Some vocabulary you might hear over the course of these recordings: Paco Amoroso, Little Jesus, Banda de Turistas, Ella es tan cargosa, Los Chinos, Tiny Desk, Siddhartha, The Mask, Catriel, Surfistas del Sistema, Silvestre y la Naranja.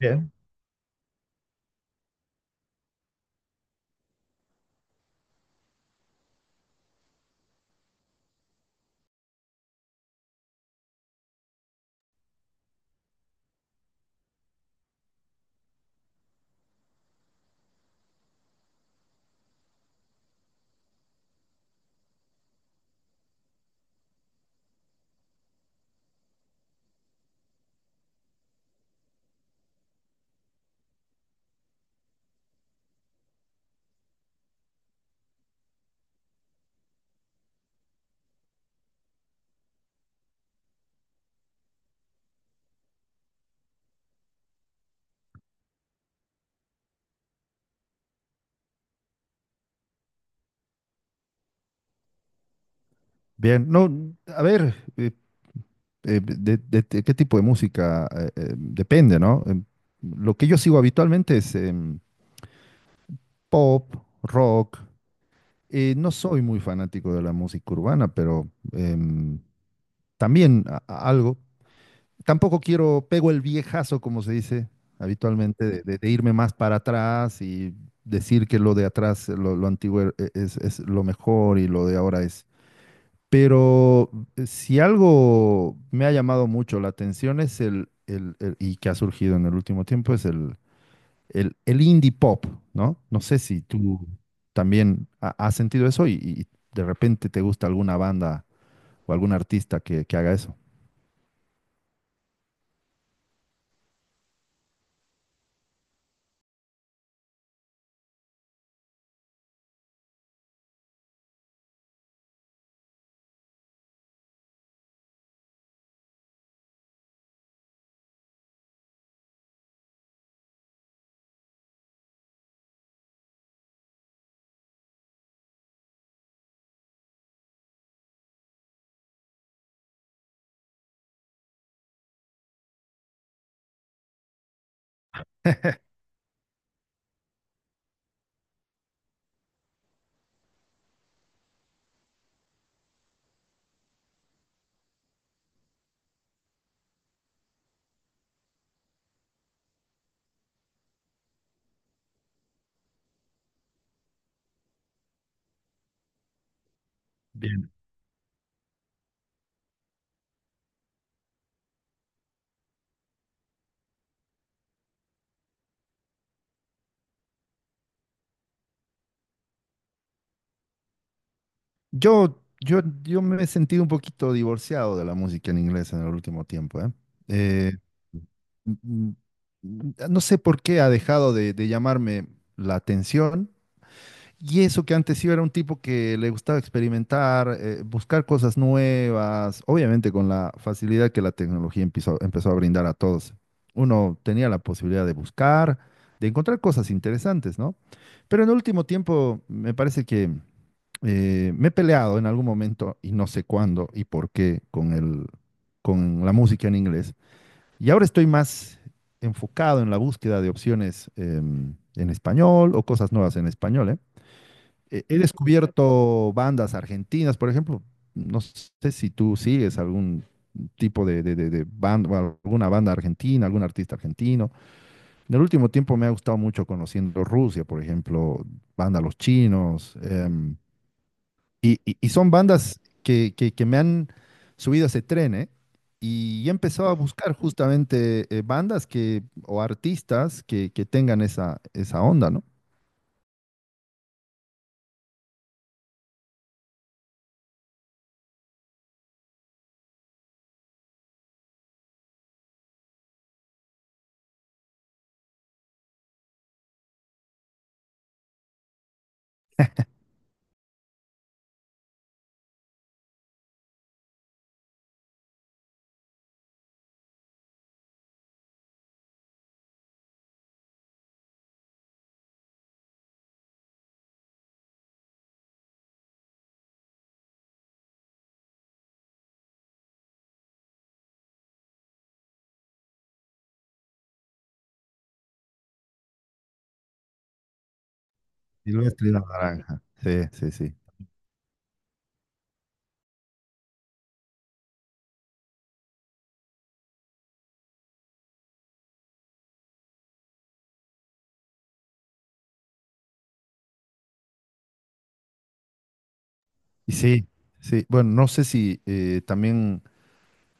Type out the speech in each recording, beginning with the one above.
Bien. Bien, no, a ver, de- De qué tipo de música depende, ¿no? Lo que yo sigo habitualmente es pop, rock. No soy muy fanático de la música urbana, pero también algo. Tampoco quiero, pego el viejazo, como se dice habitualmente, de irme más para atrás y decir que lo de atrás, lo antiguo es lo mejor y lo de ahora es. Pero si algo me ha llamado mucho la atención es y que ha surgido en el último tiempo, es el indie pop, ¿no? No sé si tú también has sentido eso y de repente te gusta alguna banda o algún artista que haga eso. Bien. Yo me he sentido un poquito divorciado de la música en inglés en el último tiempo, ¿eh? Eh, mm, No sé por qué ha dejado de llamarme la atención. Y eso que antes sí era un tipo que le gustaba experimentar, buscar cosas nuevas, obviamente con la facilidad que la tecnología empezó a brindar a todos. Uno tenía la posibilidad de buscar, de encontrar cosas interesantes, ¿no? Pero en el último tiempo me parece que me he peleado en algún momento y no sé cuándo y por qué con con la música en inglés. Y ahora estoy más enfocado en la búsqueda de opciones en español o cosas nuevas en español, ¿eh? He descubierto bandas argentinas, por ejemplo, no sé si tú sigues algún tipo de, de banda, o alguna banda argentina, algún artista argentino. En el último tiempo me ha gustado mucho conociendo Rusia, por ejemplo, banda Los Chinos, y son bandas que, que me han subido a ese tren, ¿eh? Y he empezado a buscar justamente bandas que, o artistas que tengan esa, esa onda, ¿no? Silvestre y la Naranja. Sí, sí, sí. Y sí, sí. Bueno, no sé si también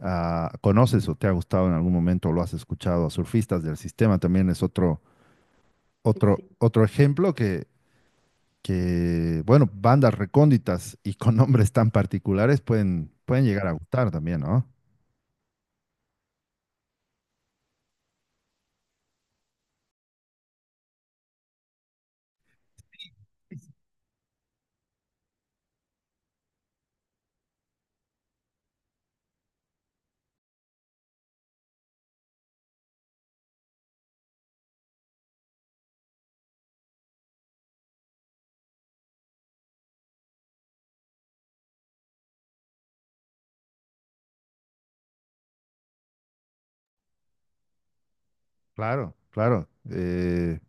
conoces o te ha gustado en algún momento o lo has escuchado a surfistas del sistema. También es otro, otro. Sí, otro ejemplo que, bueno, bandas recónditas y con nombres tan particulares pueden, pueden llegar a gustar también, ¿no? Claro, claro. Eh,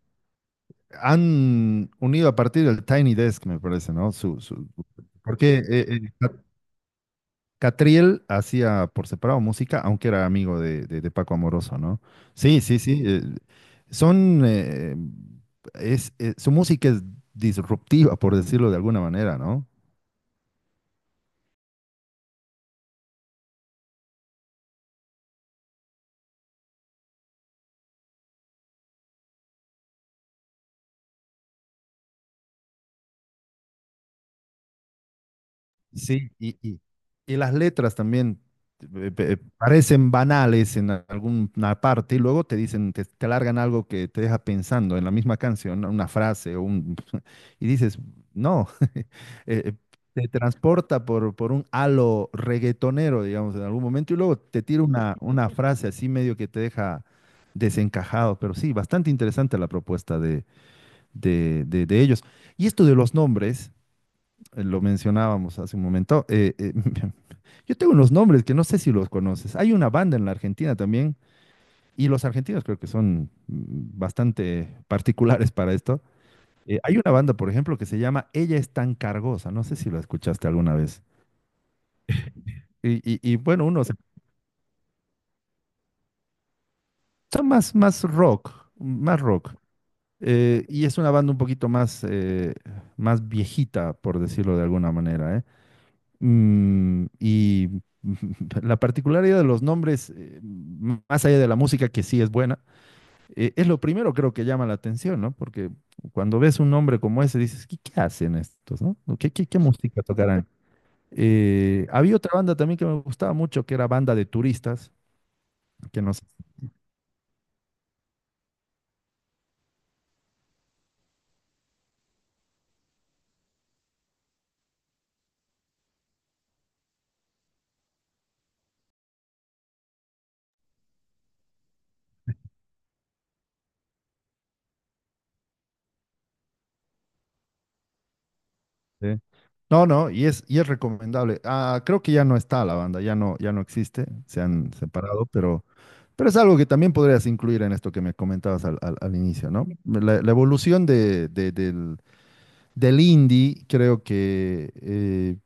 han unido a partir del Tiny Desk, me parece, ¿no? Porque eh, Catriel hacía por separado música, aunque era amigo de, de Paco Amoroso, ¿no? Sí, sí, sí. Son, eh, su música es disruptiva, por decirlo de alguna manera, ¿no? Sí, y las letras también parecen banales en alguna parte y luego te dicen, te largan algo que te deja pensando en la misma canción, ¿no? Una frase o un... Y dices, no, eh, te transporta por un halo reggaetonero, digamos, en algún momento y luego te tira una frase así medio que te deja desencajado, pero sí, bastante interesante la propuesta de, de ellos. Y esto de los nombres lo mencionábamos hace un momento. Yo tengo unos nombres que no sé si los conoces. Hay una banda en la Argentina también, y los argentinos creo que son bastante particulares para esto. Hay una banda, por ejemplo, que se llama Ella es tan cargosa. No sé si la escuchaste alguna vez. Y, bueno, uno se... Son más, más rock, más rock. Y es una banda un poquito más, más viejita, por decirlo de alguna manera, ¿eh? Y la particularidad de los nombres, más allá de la música que sí es buena, es lo primero creo que llama la atención, ¿no? Porque cuando ves un nombre como ese dices, ¿qué, qué hacen estos, no? ¿No? ¿Qué, qué, qué música tocarán? Había otra banda también que me gustaba mucho, que era Banda de Turistas, que no sé. No, no, y es recomendable. Ah, creo que ya no está la banda, ya no, ya no existe, se han separado, pero es algo que también podrías incluir en esto que me comentabas al, al inicio, ¿no? La evolución de, del, del indie, creo que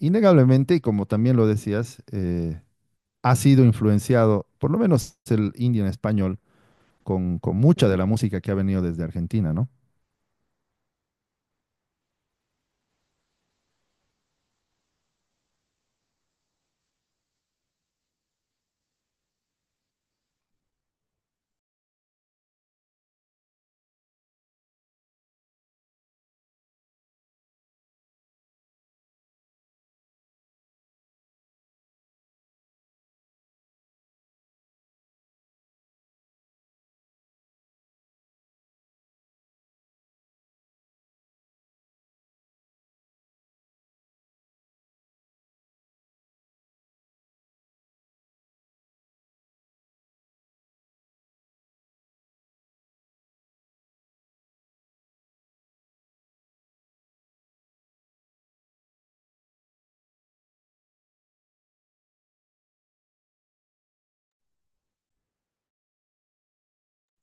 innegablemente, y como también lo decías, ha sido influenciado, por lo menos el indie en español, con mucha de la música que ha venido desde Argentina, ¿no?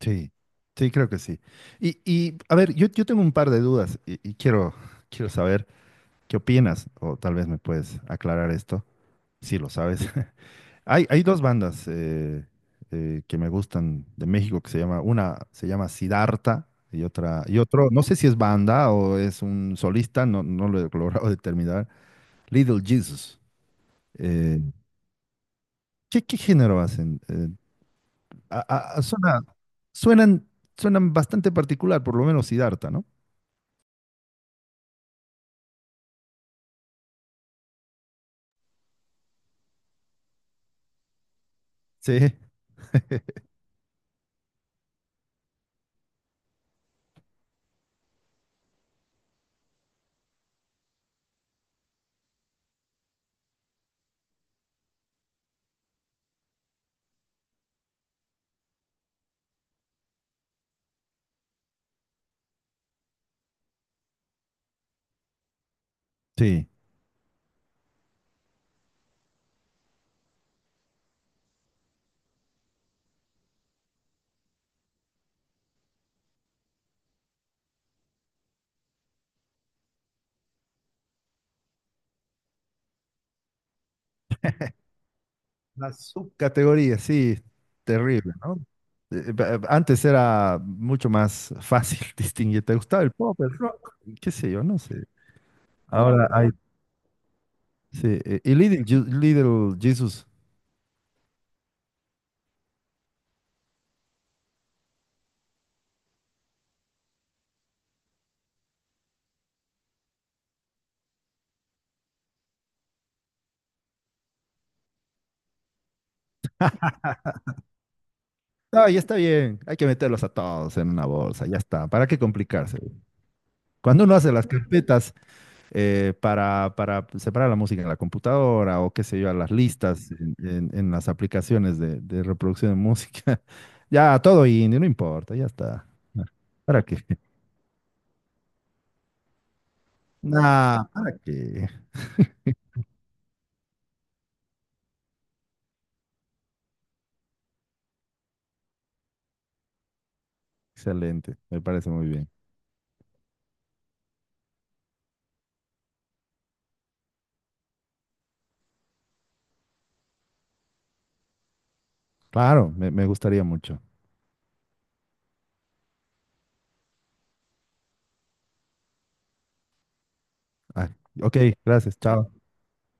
Sí, sí, creo que sí. Y a ver, yo tengo un par de dudas y quiero, quiero saber qué opinas, o tal vez me puedes aclarar esto, si lo sabes. Hay dos bandas que me gustan de México que se llama, una se llama Siddhartha y otra, y otro, no sé si es banda o es un solista, no, no lo he logrado determinar, Little Jesus. Eh, ¿Qué, qué género hacen? A- a- a- suena- suenan, suenan bastante particular, por lo menos Siddhartha, ¿no? Sí, sí. La subcategoría, sí, terrible, ¿no? Antes era mucho más fácil distinguir. ¿Te gustaba el pop, el rock? ¿Qué sé yo? No sé. Ahora hay. Sí. Y Little Jesus. No, ya está bien. Hay que meterlos a todos en una bolsa. Ya está. ¿Para qué complicarse? Cuando uno hace las carpetas, para separar la música en la computadora o qué sé yo, a las listas en, en las aplicaciones de reproducción de música. Ya, todo indie, no importa, ya está. Ah, ¿para qué? Nah, ¿para qué? Excelente, me parece muy bien. Claro, me gustaría mucho. Ah, ok, gracias, chao.